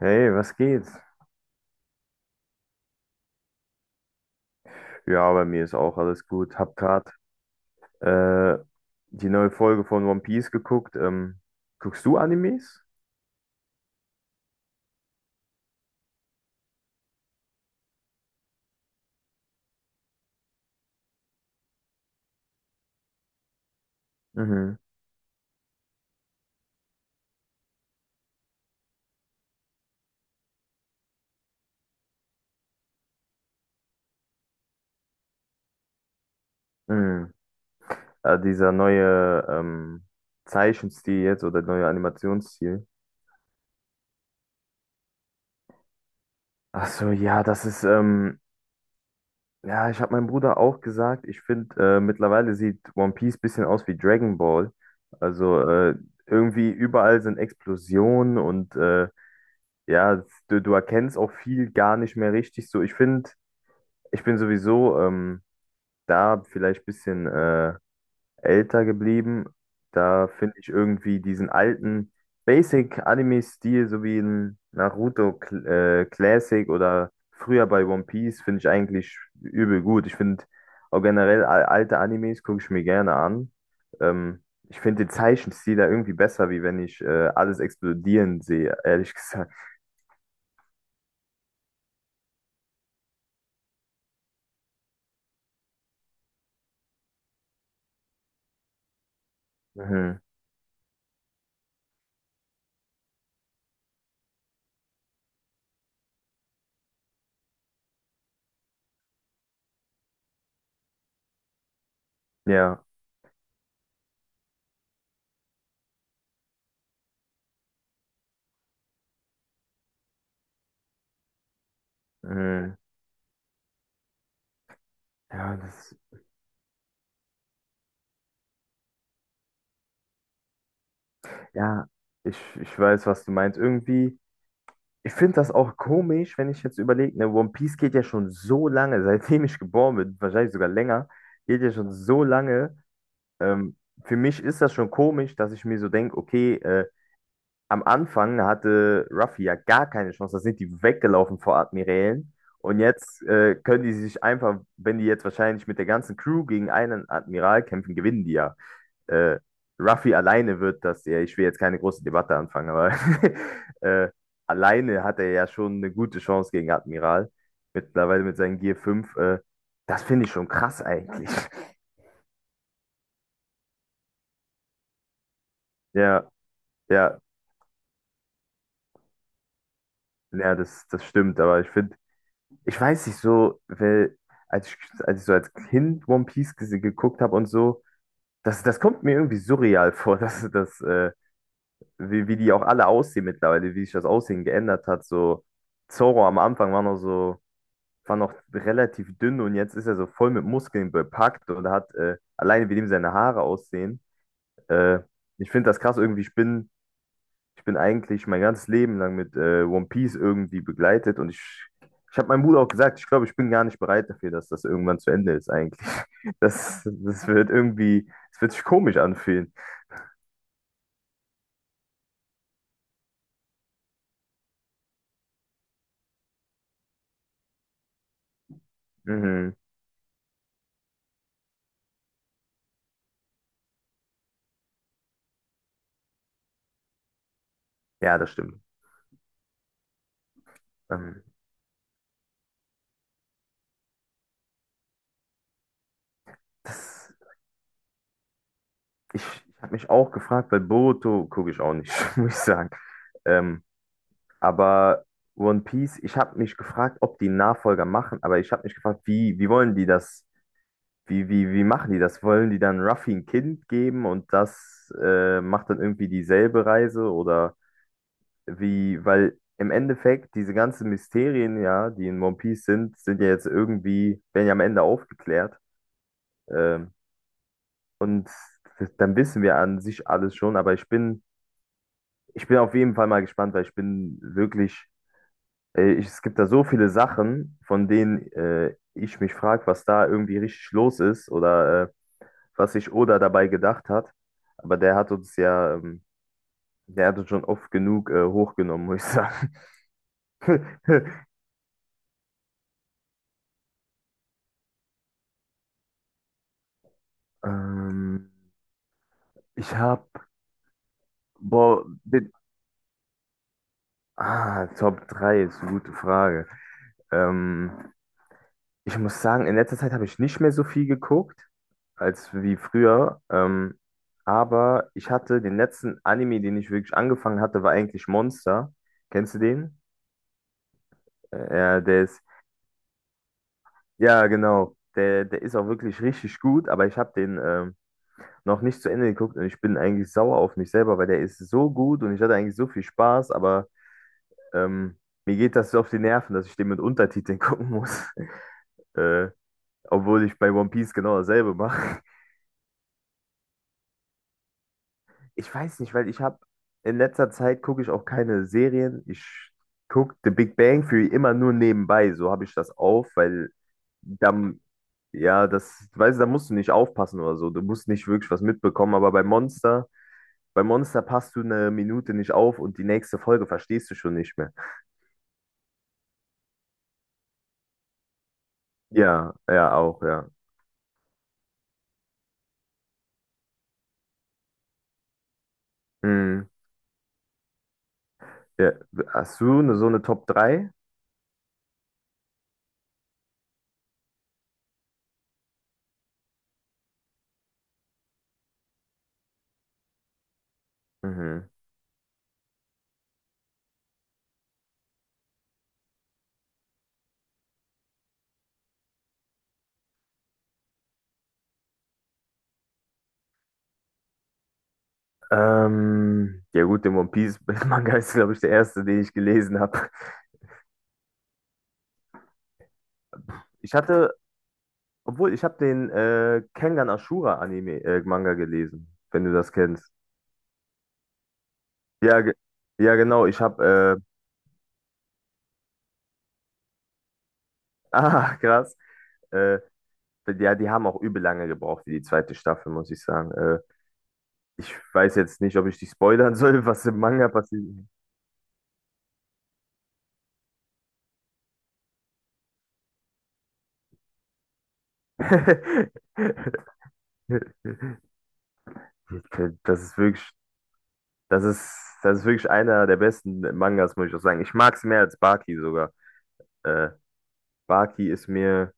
Hey, was geht? Ja, bei mir ist auch alles gut. Hab grad äh, die neue Folge von One Piece geguckt. Guckst du Animes? Mhm. Mhm. Dieser neue Zeichenstil jetzt oder neue Animationsstil. Ach so, ja, das ist, ja, ich habe meinem Bruder auch gesagt, ich finde, mittlerweile sieht One Piece bisschen aus wie Dragon Ball. Also irgendwie überall sind Explosionen und ja, du erkennst auch viel gar nicht mehr richtig so. Ich finde, ich bin sowieso da vielleicht ein bisschen älter geblieben. Da finde ich irgendwie diesen alten Basic-Anime-Stil, so wie in Naruto Classic oder früher bei One Piece, finde ich eigentlich übel gut. Ich finde auch generell alte Animes gucke ich mir gerne an. Ähm, ich finde den Zeichenstil da irgendwie besser, wie wenn ich alles explodieren sehe, ehrlich gesagt. Mhm. Ja. Mhm. Ja, das, ja, ich weiß, was du meinst. Irgendwie, ich finde das auch komisch, wenn ich jetzt überlege, ne, One Piece geht ja schon so lange, seitdem ich geboren bin, wahrscheinlich sogar länger, geht ja schon so lange. Ähm, für mich ist das schon komisch, dass ich mir so denke, okay, am Anfang hatte Ruffy ja gar keine Chance. Da sind die weggelaufen vor Admirälen. Und jetzt können die sich einfach, wenn die jetzt wahrscheinlich mit der ganzen Crew gegen einen Admiral kämpfen, gewinnen die ja. Äh, Ruffy alleine wird das ja, ich will jetzt keine große Debatte anfangen, aber äh, alleine hat er ja schon eine gute Chance gegen Admiral. Mittlerweile mit seinen Gear 5. Das finde ich schon krass eigentlich. Ja, ja, ja, das, das stimmt, aber ich finde, ich weiß nicht so, weil als ich, als ich so als Kind One Piece geguckt habe und so, das, das kommt mir irgendwie surreal vor, dass das, wie die auch alle aussehen mittlerweile, wie sich das Aussehen geändert hat. So, Zoro am Anfang war noch so, war noch relativ dünn und jetzt ist er so voll mit Muskeln bepackt und hat alleine wie dem seine Haare aussehen. Äh, ich finde das krass, irgendwie, ich bin eigentlich mein ganzes Leben lang mit One Piece irgendwie begleitet und ich habe meinem Bruder auch gesagt, ich glaube, ich bin gar nicht bereit dafür, dass das irgendwann zu Ende ist eigentlich. Das, das wird irgendwie, es wird sich komisch anfühlen. Mhm. Ja, das stimmt. Ähm, das, ich ich habe mich auch gefragt, weil Boruto gucke ich auch nicht, muss ich sagen. Ähm, aber One Piece, ich habe mich gefragt, ob die einen Nachfolger machen, aber ich habe mich gefragt, wie wollen die das. Wie machen die das? Wollen die dann Ruffy ein Kind geben und das macht dann irgendwie dieselbe Reise? Oder wie, weil im Endeffekt diese ganzen Mysterien, ja, die in One Piece sind, sind ja jetzt irgendwie, werden ja am Ende aufgeklärt. Ähm, und dann wissen wir an sich alles schon, aber ich bin auf jeden Fall mal gespannt, weil ich bin wirklich, es gibt da so viele Sachen, von denen ich mich frage, was da irgendwie richtig los ist oder was sich Oda dabei gedacht hat. Aber der hat uns ja, der hat uns schon oft genug hochgenommen, muss ich sagen. Ähm, ich habe, boah, den, ah, Top 3, ist eine gute Frage. Ähm, ich muss sagen, in letzter Zeit habe ich nicht mehr so viel geguckt, als wie früher. Aber ich hatte den letzten Anime, den ich wirklich angefangen hatte, war eigentlich Monster. Kennst du den? Ja, der ist, ja, genau. Der ist auch wirklich richtig gut, aber ich habe den noch nicht zu Ende geguckt und ich bin eigentlich sauer auf mich selber, weil der ist so gut und ich hatte eigentlich so viel Spaß, aber ähm, mir geht das so auf die Nerven, dass ich den mit Untertiteln gucken muss. Äh, obwohl ich bei One Piece genau dasselbe mache. Ich weiß nicht, weil ich habe in letzter Zeit gucke ich auch keine Serien. Ich gucke The Big Bang Theory immer nur nebenbei. So habe ich das auf, weil dann, ja, das, weißt du, da musst du nicht aufpassen oder so. Du musst nicht wirklich was mitbekommen. Bei Monster passt du eine Minute nicht auf und die nächste Folge verstehst du schon nicht mehr. Ja, ja, auch, ja. Hm, ja. Hast du eine, so eine Top 3? Mhm. Ja gut, den One Piece Manga ist, glaube ich, der erste, den ich gelesen habe. Ich hatte Obwohl, ich habe den Kengan Ashura Anime Manga gelesen, wenn du das kennst. Ja, ge ja genau, ich habe ah krass. Äh, ja, die haben auch übel lange gebraucht für die zweite Staffel, muss ich sagen. Ich weiß jetzt nicht, ob ich dich spoilern soll, was im Manga passiert. Das ist wirklich, das ist wirklich einer der besten Mangas, muss ich auch sagen. Ich mag es mehr als Baki sogar. Äh, Baki ist mir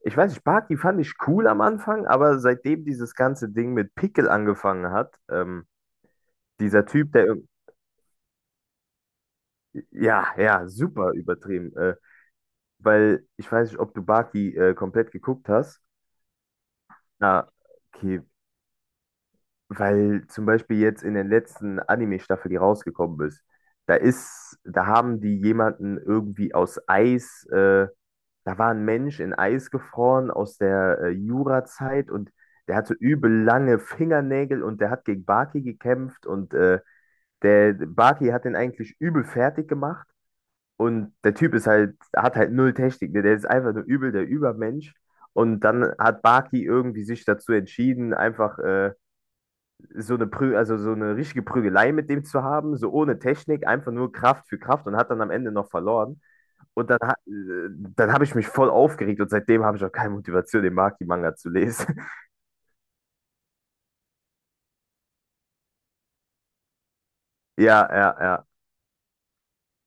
Ich weiß nicht, Barty fand ich cool am Anfang, aber seitdem dieses ganze Ding mit Pickel angefangen hat, dieser Typ, der, irg- ja, ja, super übertrieben, weil ich weiß nicht, ob du Barty komplett geguckt hast. Ah, okay, weil zum Beispiel jetzt in den letzten Anime-Staffel, die rausgekommen ist, da haben die jemanden irgendwie aus Eis, da war ein Mensch in Eis gefroren aus der Jurazeit und der hatte so übel lange Fingernägel und der hat gegen Baki gekämpft und der Baki hat den eigentlich übel fertig gemacht und der Typ ist halt, hat halt null Technik, ne? Der ist einfach nur übel der Übermensch. Und dann hat Baki irgendwie sich dazu entschieden, einfach so eine Prü also so eine richtige Prügelei mit dem zu haben, so ohne Technik, einfach nur Kraft für Kraft und hat dann am Ende noch verloren. Und dann habe ich mich voll aufgeregt und seitdem habe ich auch keine Motivation, den Maki-Manga zu lesen. Ja, ja, ja.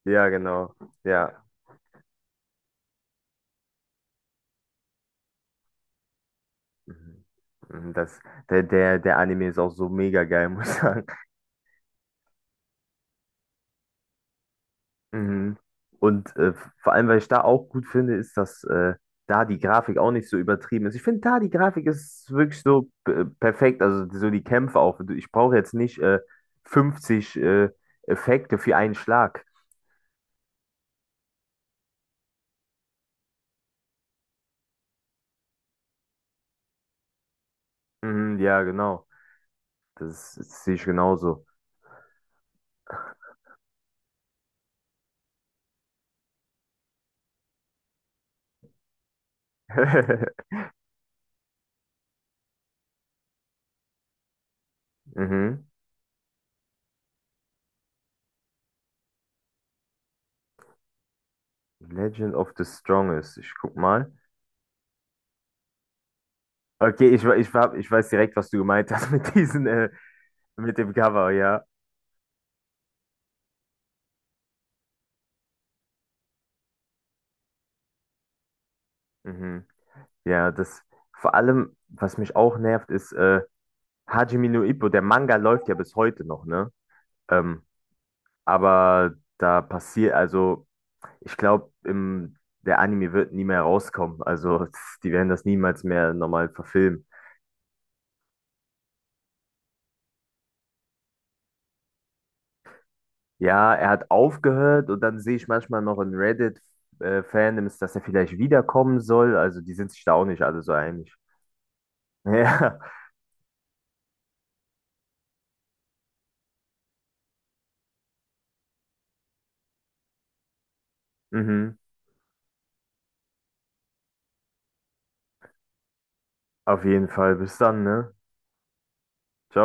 Ja, genau. Ja. Mhm. Mhm, das, der Anime ist auch so mega geil, muss ich sagen. Mhm. Und vor allem, weil ich da auch gut finde, ist, dass da die Grafik auch nicht so übertrieben ist. Ich finde, da die Grafik ist wirklich so perfekt. Also so die Kämpfe auch. Ich brauche jetzt nicht 50 Effekte für einen Schlag. Mhm, ja, genau. Das, das sehe ich genauso. Mhm. Legend of the Strongest. Ich guck mal. Okay, ich, we- ich, hab- ich weiß direkt, was du gemeint hast mit diesen, mit dem Cover, ja. Mhm. Ja, das vor allem, was mich auch nervt, ist Hajime no Ippo. Der Manga läuft ja bis heute noch, ne? Ähm, aber da passiert, also ich glaube, der Anime wird nie mehr rauskommen. Also die werden das niemals mehr normal verfilmen. Ja, er hat aufgehört und dann sehe ich manchmal noch in Reddit-Fandoms, dass er vielleicht wiederkommen soll. Also die sind sich da auch nicht alle so einig. Ja, mhm. Auf jeden Fall. Bis dann, ne?